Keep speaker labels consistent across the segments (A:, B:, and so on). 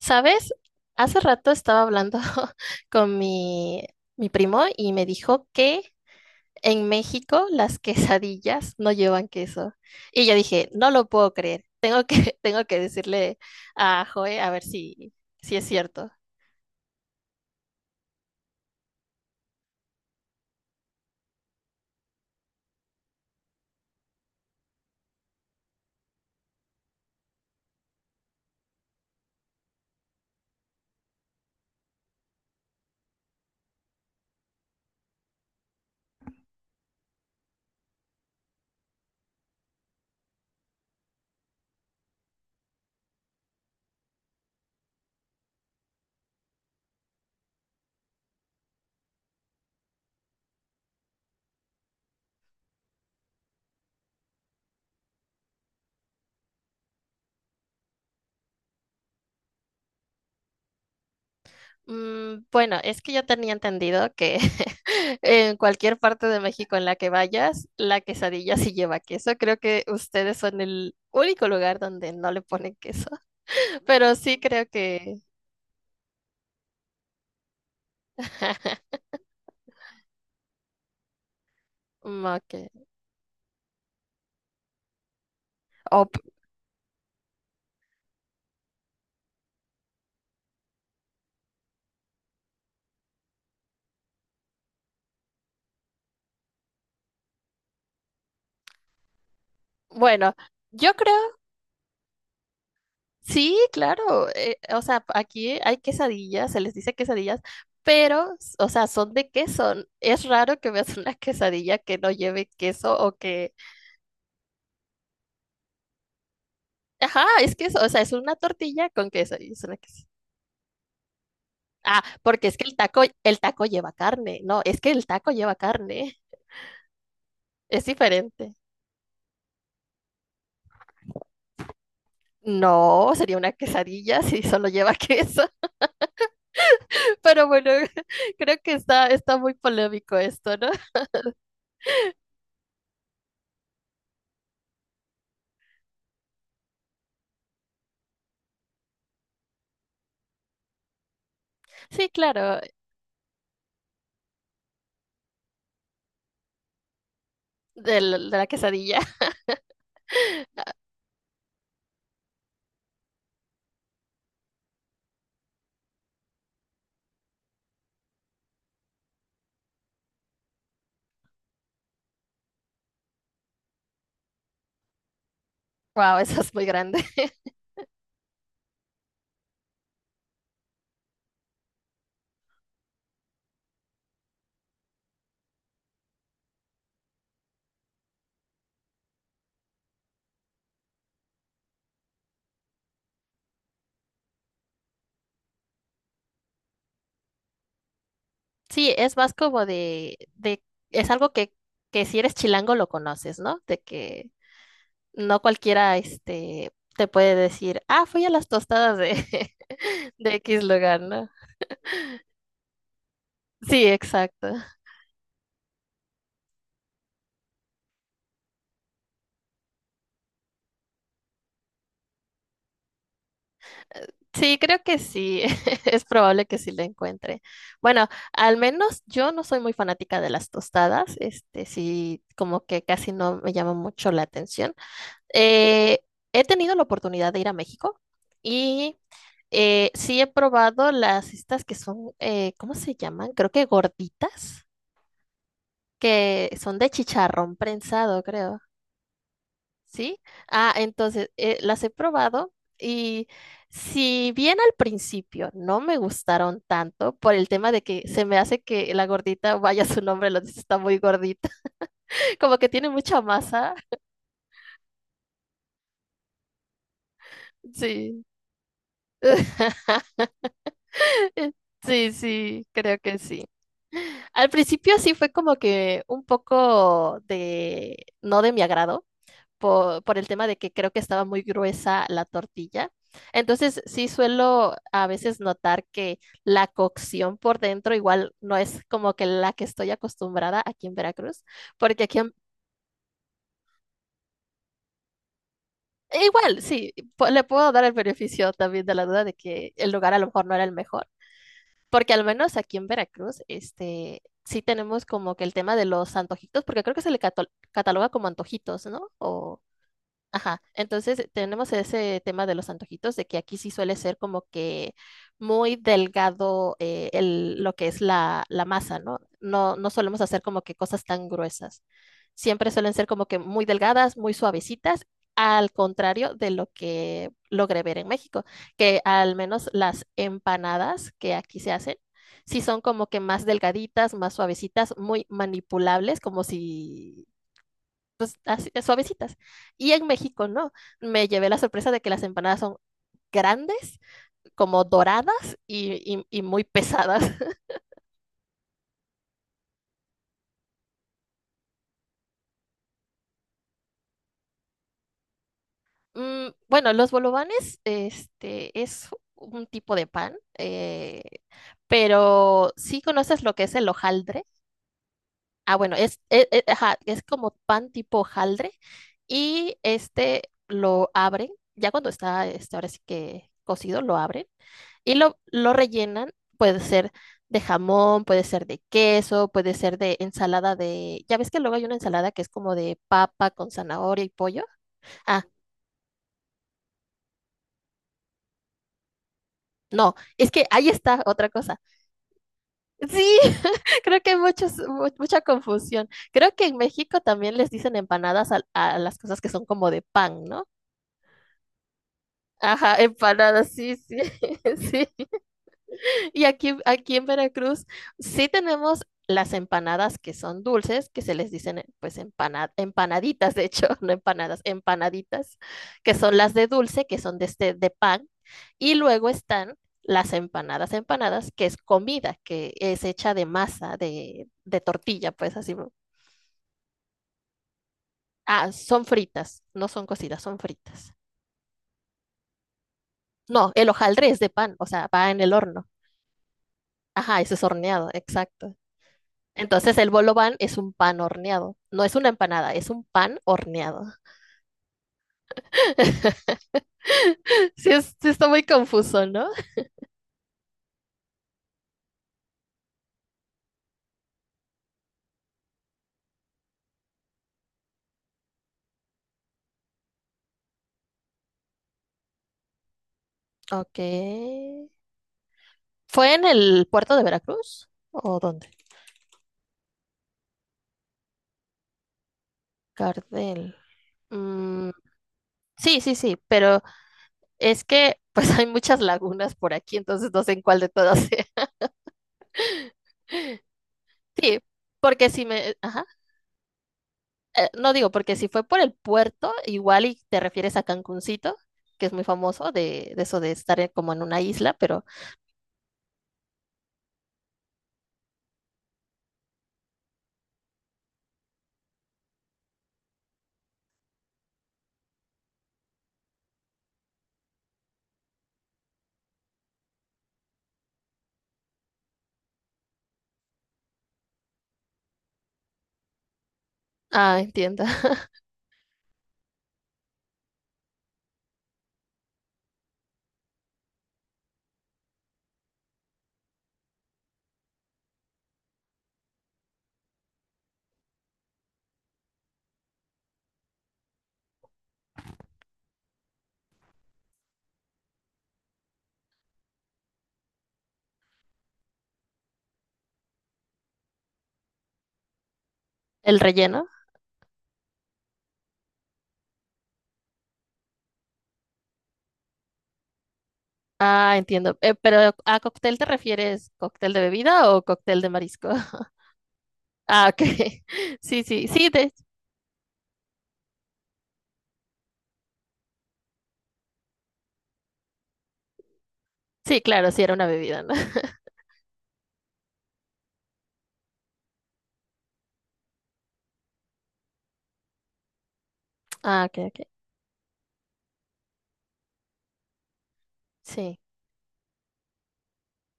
A: ¿Sabes? Hace rato estaba hablando con mi primo y me dijo que en México las quesadillas no llevan queso. Y yo dije, no lo puedo creer. Tengo que decirle a Joe a ver si es cierto. Mm, bueno, es que yo tenía entendido que en cualquier parte de México en la que vayas, la quesadilla sí lleva queso. Creo que ustedes son el único lugar donde no le ponen queso. Pero sí creo que... Mm, okay. O p- bueno, yo creo, sí, claro. O sea, aquí hay quesadillas, se les dice quesadillas, pero, o sea, son de queso. Es raro que veas una quesadilla que no lleve queso o que... Ajá, es queso, o sea, es una tortilla con queso. Y es una ah, porque es que el taco lleva carne. No, es que el taco lleva carne. Es diferente. No, sería una quesadilla si solo lleva queso. Pero bueno, creo que está muy polémico esto, ¿no? Sí, claro, de la quesadilla. Wow, eso es muy grande. Sí, es más como de, es algo que si eres chilango lo conoces, ¿no? De que no cualquiera, este, te puede decir, ah, fui a las tostadas de, de X lugar, ¿no? Sí, exacto. Sí, creo que sí, es probable que sí lo encuentre. Bueno, al menos yo no soy muy fanática de las tostadas, este, sí, como que casi no me llama mucho la atención. Eh, he tenido la oportunidad de ir a México y sí he probado las estas que son, ¿cómo se llaman? Creo que gorditas, que son de chicharrón prensado, creo. ¿Sí? Ah, entonces, las he probado y si bien al principio no me gustaron tanto por el tema de que se me hace que la gordita, vaya su nombre, lo dice, está muy gordita, como que tiene mucha masa. Sí. Eh, sí, sí, creo que sí. Al principio sí fue como que un poco de, no de mi agrado, por el tema de que creo que estaba muy gruesa la tortilla. Entonces sí suelo a veces notar que la cocción por dentro igual no es como que la que estoy acostumbrada aquí en Veracruz, porque e igual, sí, le puedo dar el beneficio también de la duda de que el lugar a lo mejor no era el mejor. Porque al menos aquí en Veracruz, este, sí tenemos como que el tema de los antojitos, porque creo que se le cataloga como antojitos, ¿no? O ajá, entonces tenemos ese tema de los antojitos, de que aquí sí suele ser como que muy delgado el, lo que es la masa, ¿no? No, no solemos hacer como que cosas tan gruesas. Siempre suelen ser como que muy delgadas, muy suavecitas, al contrario de lo que logré ver en México, que al menos las empanadas que aquí se hacen, sí son como que más delgaditas, más suavecitas, muy manipulables, como si pues, así, suavecitas. Y en México, ¿no? Me llevé la sorpresa de que las empanadas son grandes, como doradas y muy pesadas. Mm, bueno, los bolovanes, este, es un tipo de pan, pero sí conoces lo que es el hojaldre. Ah, bueno, ajá, es como pan tipo hojaldre y este lo abren, ya cuando está, este, ahora sí que cocido, lo abren y lo rellenan, puede ser de jamón, puede ser de queso, puede ser de ensalada de... Ya ves que luego hay una ensalada que es como de papa con zanahoria y pollo. Ah, no, es que ahí está otra cosa. Sí, creo que hay mucha confusión. Creo que en México también les dicen empanadas a las cosas que son como de pan, ¿no? Ajá, empanadas, sí, sí, sí. Y aquí en Veracruz sí tenemos las empanadas que son dulces, que se les dicen pues empanaditas, de hecho, no empanadas, empanaditas, que son las de dulce, que son de este de pan, y luego están las empanadas, empanadas, que es comida, que es hecha de masa, de tortilla, pues así. ¿No? Ah, son fritas, no son cocidas, son fritas. No, el hojaldre es de pan, o sea, va en el horno. Ajá, ese es horneado, exacto. Entonces el bolo ban es un pan horneado. No es una empanada, es un pan horneado. Sí, sí está muy confuso, ¿no? Ok. ¿Fue en el puerto de Veracruz? ¿O dónde? Cardel. Mm, sí, sí, sí, pero es que pues hay muchas lagunas por aquí, entonces no sé en cuál de todas sea. Sí, porque si me... Ajá. No digo, porque si fue por el puerto, igual y te refieres a Cancuncito, que es muy famoso de eso de estar como en una isla, pero ah, entiendo. El relleno. Ah, entiendo. Pero ¿a cóctel te refieres cóctel de bebida o cóctel de marisco? Ah, ok. Sí, sí, sí, sí, claro, sí era una bebida, ¿no? Ah, ok, ok. Sí.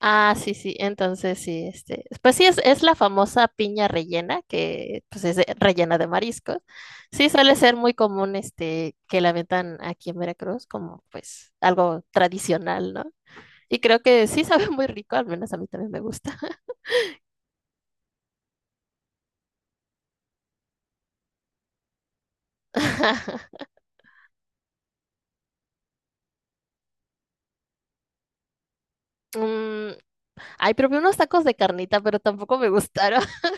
A: Ah, sí, sí. Entonces, sí, este, pues sí, es la famosa piña rellena, que pues es rellena de mariscos. Sí, suele ser muy común, este, que la vendan aquí en Veracruz como, pues, algo tradicional, ¿no? Y creo que sí sabe muy rico, al menos a mí también me gusta. Mm, ay, probé unos tacos de carnita, pero tampoco me gustaron.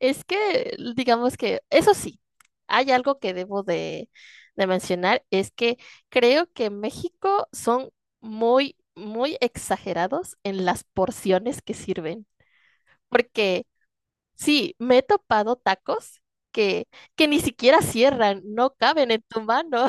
A: Es que, digamos que, eso sí, hay algo que debo de mencionar, es que creo que en México son muy, muy exagerados en las porciones que sirven. Porque sí, me he topado tacos que, que ni siquiera cierran, no caben en tu mano.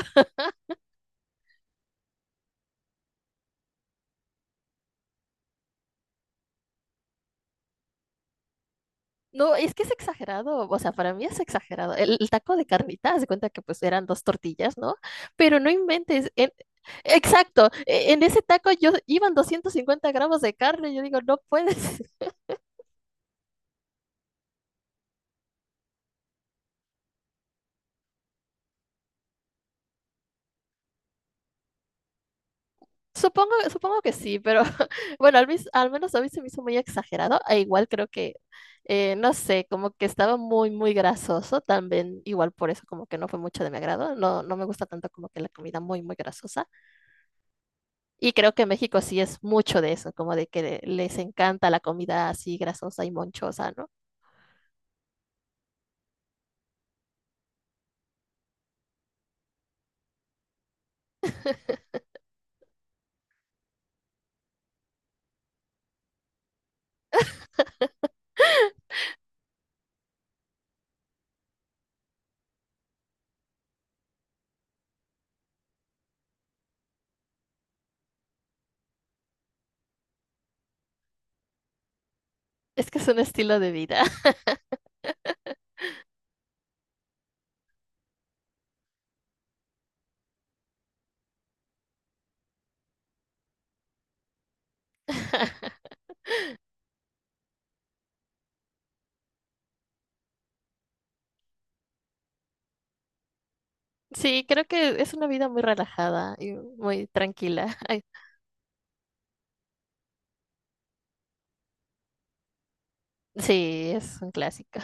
A: No, es que es exagerado, o sea, para mí es exagerado. El taco de carnita, haz de cuenta que pues eran dos tortillas, ¿no? Pero no inventes, exacto, en ese taco yo iban 250 gramos de carne, yo digo, no puedes. Supongo, supongo que sí, pero bueno, al menos a mí se me hizo muy exagerado, e igual creo que, no sé, como que estaba muy, muy grasoso, también igual por eso como que no fue mucho de mi agrado, no, no me gusta tanto como que la comida muy, muy grasosa. Y creo que México sí es mucho de eso, como de que les encanta la comida así grasosa y monchosa, ¿no? Es que es un estilo de vida. Sí, creo que es una vida muy relajada y muy tranquila. Ay, sí, es un clásico.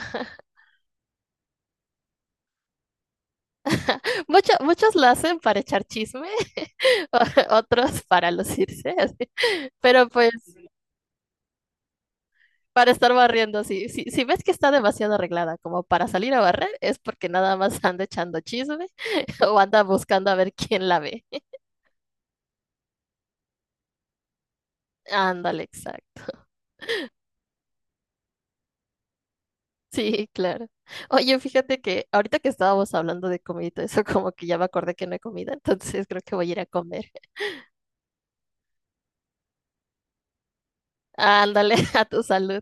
A: Muchos lo hacen para echar chisme, otros para lucirse, así. Pero pues para estar barriendo, si ves que está demasiado arreglada como para salir a barrer, es porque nada más anda echando chisme o anda buscando a ver quién la ve. Ándale, exacto. Sí, claro. Oye, fíjate que ahorita que estábamos hablando de comida, y todo eso como que ya me acordé que no he comido, entonces creo que voy a ir a comer. Ándale, a tu salud.